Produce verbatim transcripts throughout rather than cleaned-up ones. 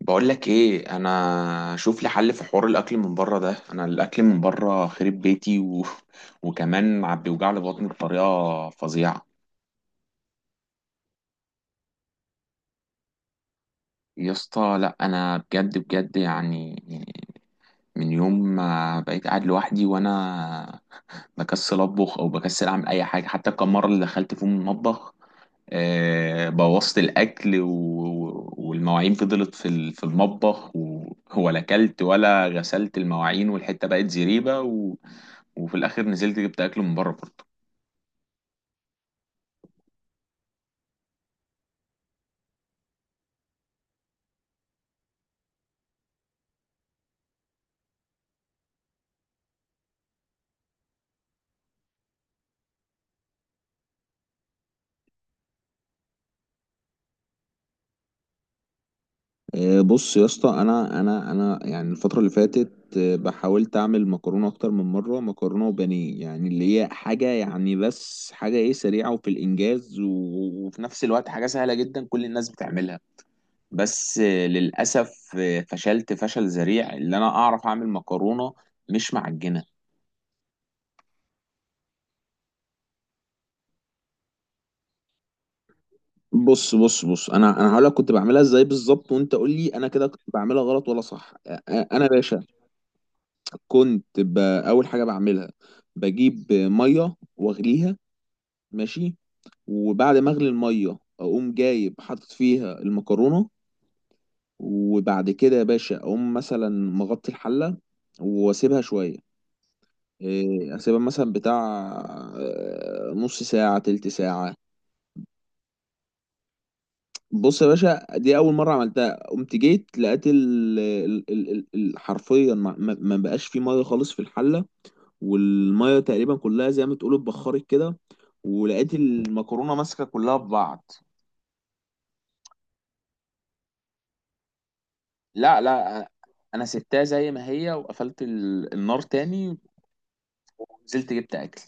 بقول لك ايه، انا شوف لي حل في حوار الاكل من بره ده. انا الاكل من بره خرب بيتي و وكمان عم بيوجع لي بطني بطريقه فظيعه. يا اسطى لا، انا بجد بجد يعني. من يوم ما بقيت قاعد لوحدي وانا بكسل اطبخ او بكسل اعمل اي حاجه. حتى الكام مره اللي دخلت فيهم المطبخ، آه، بوظت الاكل، و... والمواعين فضلت في ال- في المطبخ، و... ولا اكلت ولا غسلت المواعين، والحته بقت زريبه، و... وفي الاخر نزلت جبت اكل من بره برضه. آه، بص يا اسطى، انا انا انا يعني الفتره اللي فاتت، آه، بحاولت اعمل مكرونه اكتر من مره. مكرونه وبانيه، يعني اللي هي حاجه، يعني بس حاجه ايه، سريعه وفي الانجاز، و- وفي نفس الوقت حاجه سهله جدا كل الناس بتعملها. بس للأسف فشلت فشل ذريع. اللي أنا أعرف أعمل مكرونة مش معجنة. بص بص بص، انا انا هقول لك كنت بعملها ازاي بالظبط، وانت قول لي انا كده كنت بعملها غلط ولا صح. أ- انا يا باشا كنت ب... اول حاجه بعملها بجيب ميه واغليها، ماشي. وبعد ما اغلي الميه اقوم جايب حاطط فيها المكرونه. وبعد كده يا باشا اقوم مثلا مغطي الحله واسيبها شويه. إيه، اسيبها مثلا بتاع، آه، نص ساعة، تلت ساعة. بص يا باشا، دي أول مرة عملتها قمت جيت لقيت ال ال ال ال ال- حرفيا ما, ما ما بقاش في مية خالص في الحلة. والمية تقريبا كلها زي ما تقول اتبخرت كده، ولقيت المكرونة ماسكة كلها في بعض. لا لا، أنا سبتها زي ما هي وقفلت ال- النار تاني، ونزلت جبت أكل.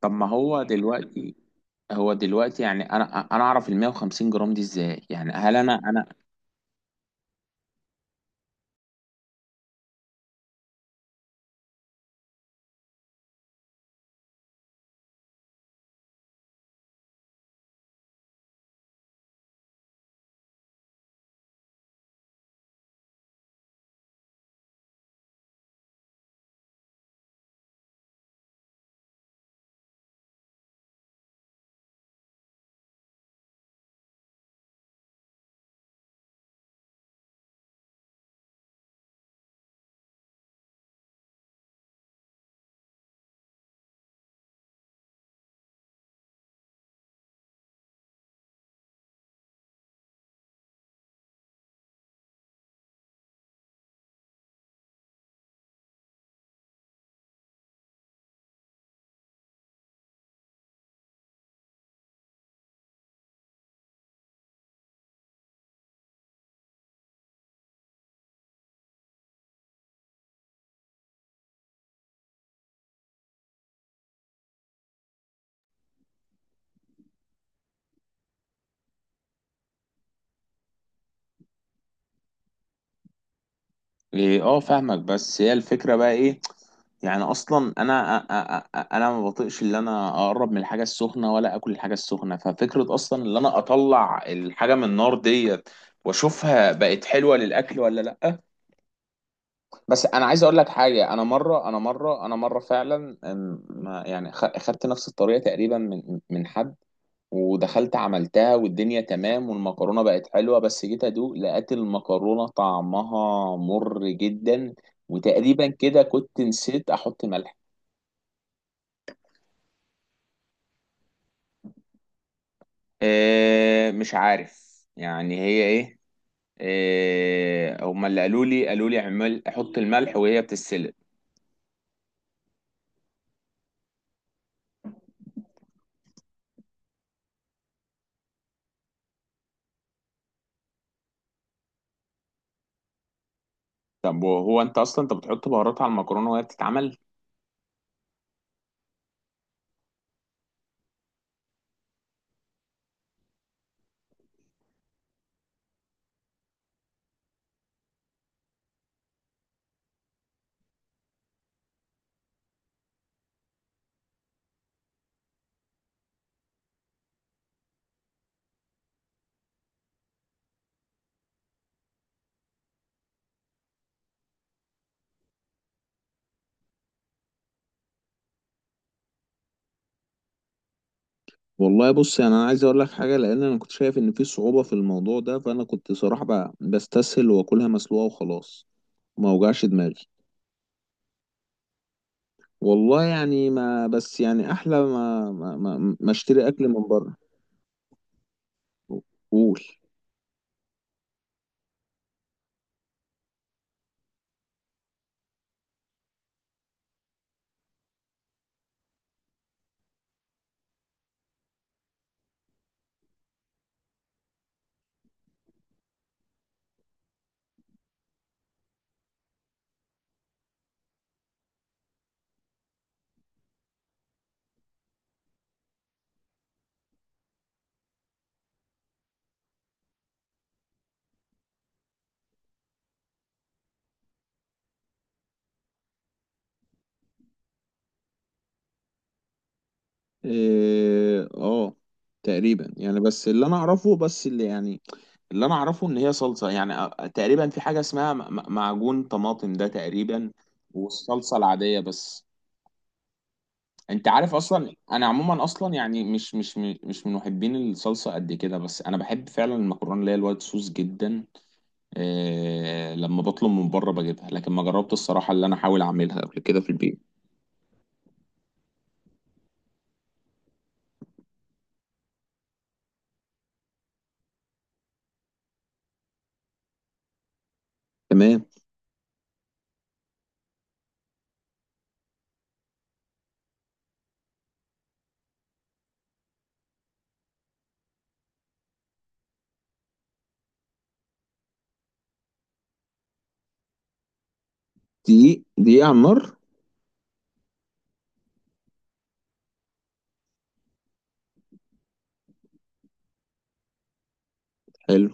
طب ما هو دلوقتي، هو دلوقتي يعني انا، انا اعرف ال مية وخمسين جرام دي ازاي؟ يعني هل انا انا؟ إيه، اه فاهمك، بس هي الفكره بقى ايه، يعني اصلا انا أ- أ- أ- انا ما بطيقش اللي انا اقرب من الحاجه السخنه ولا اكل الحاجه السخنه. ففكره اصلا اللي انا اطلع الحاجه من النار ديت واشوفها بقت حلوه للاكل ولا لا. بس انا عايز اقول لك حاجه. انا مره، انا مره، انا مره، فعلا أم، ما- يعني خ- خدت نفس الطريقه تقريبا من من حد، ودخلت عملتها والدنيا تمام والمكرونة بقت حلوة. بس جيت أدوق لقيت المكرونة طعمها مر جدا. وتقريبا كده كنت نسيت أحط ملح. أه مش عارف. يعني هي إيه، أه، هما اللي قالوا لي قالوا لي اعمل أحط الملح وهي بتتسلق. طب وهو أنت أصلا أنت بتحط بهارات على المكرونة وهي بتتعمل؟ والله بص، يعني انا عايز اقول لك حاجه. لان انا كنت شايف ان في صعوبه في الموضوع ده، فانا كنت صراحه ب- بستسهل واكلها مسلوقه وخلاص، ما اوجعش دماغي. والله يعني ما بس، يعني احلى ما ما ما, ما اشتري اكل من بره. قول. إيه، اه تقريبا، يعني بس اللي انا اعرفه، بس اللي يعني اللي انا اعرفه ان هي صلصه، يعني أ- تقريبا في حاجه اسمها م- م- معجون طماطم ده تقريبا، والصلصه العاديه بس. انت عارف اصلا انا عموما اصلا يعني مش مش مش من محبين الصلصه قد كده، بس انا بحب فعلا المكرونه اللي هي الوايت صوص جدا. آه، لما بطلب من بره بجيبها، لكن ما جربت الصراحة اللي أنا أحاول أعملها قبل كده في البيت. تمام. دقيق، دقيق على النار؟ حلو.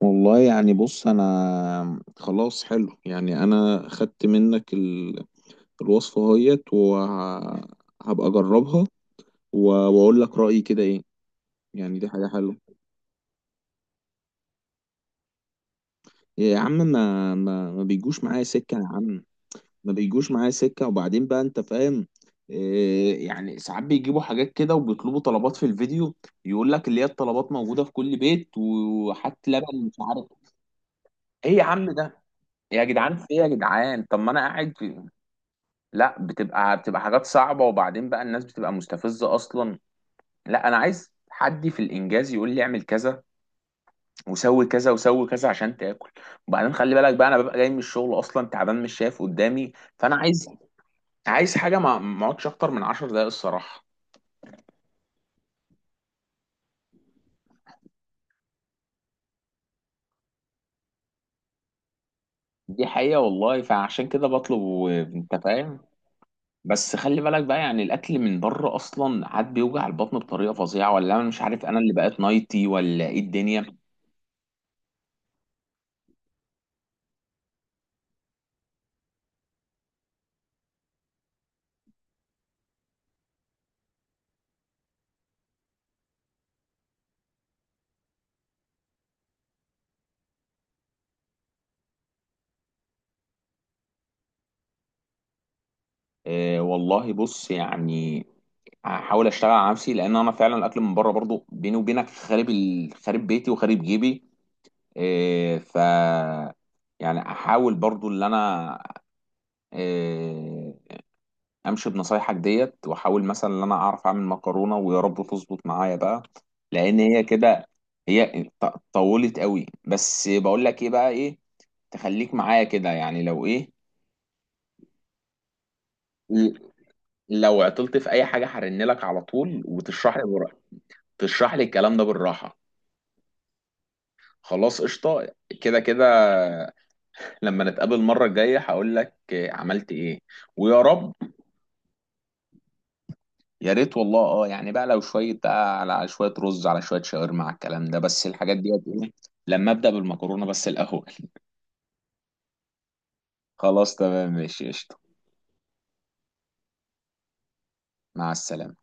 والله يعني بص أنا خلاص، حلو، يعني أنا خدت منك ال... الوصفة اهيت، وهبقى أجربها، و... وأقول لك رأيي كده إيه. يعني دي حاجة حلوة. يا عم ما ما, ما بيجوش معايا سكة يا عم. ما بيجوش معايا سكة. وبعدين بقى انت فاهم، إيه يعني ساعات بيجيبوا حاجات كده وبيطلبوا طلبات في الفيديو. يقول لك اللي هي الطلبات موجودة في كل بيت، وحتى لبن مش عارف ايه يا عم ده. إيه يا جدعان، في ايه يا جدعان؟ طب ما انا قاعد في، لا بتبقى بتبقى حاجات صعبة، وبعدين بقى الناس بتبقى مستفزة اصلا. لا انا عايز حد في الانجاز يقول لي اعمل كذا، وسوي كذا وسوي كذا عشان تاكل. وبعدين خلي بالك بقى انا ببقى جاي من الشغل اصلا تعبان مش شايف قدامي. فانا عايز، عايز حاجة ما ما اقعدش اكتر من عشر دقايق الصراحة. دي حقيقة والله، فعشان كده بطلب وانت فاهم. بس خلي بالك بقى، يعني الاكل من بره اصلا عاد بيوجع البطن بطريقة فظيعة، ولا انا مش عارف، انا اللي بقيت نايتي ولا ايه الدنيا. اه والله بص يعني هحاول اشتغل على نفسي. لان انا فعلا الاكل من بره برضو بيني وبينك خارب، ال... خارب بيتي وخارب جيبي. اه ف، يعني احاول برضو اللي انا آه، امشي بنصايحك ديت، واحاول مثلا ان انا اعرف اعمل مكرونه، ويا رب تظبط معايا بقى. لان هي كده، هي ط- طولت قوي. بس بقول لك ايه بقى، ايه تخليك معايا كده يعني لو ايه. ل- لو عطلت في اي حاجه هرن لك على طول وتشرح لي بر... تشرح لي الكلام ده بالراحه. خلاص قشطه. كده كده. لما نتقابل المره الجايه هقول لك عملت ايه، ويا رب. يا ريت والله. اه يعني بقى لو شويه بقى على، على شويه رز، على شويه شاورما، على الكلام ده، بس الحاجات ديت ايه. لما ابدا بالمكرونه بس الاول. خلاص تمام ماشي قشطه. مع السلامه.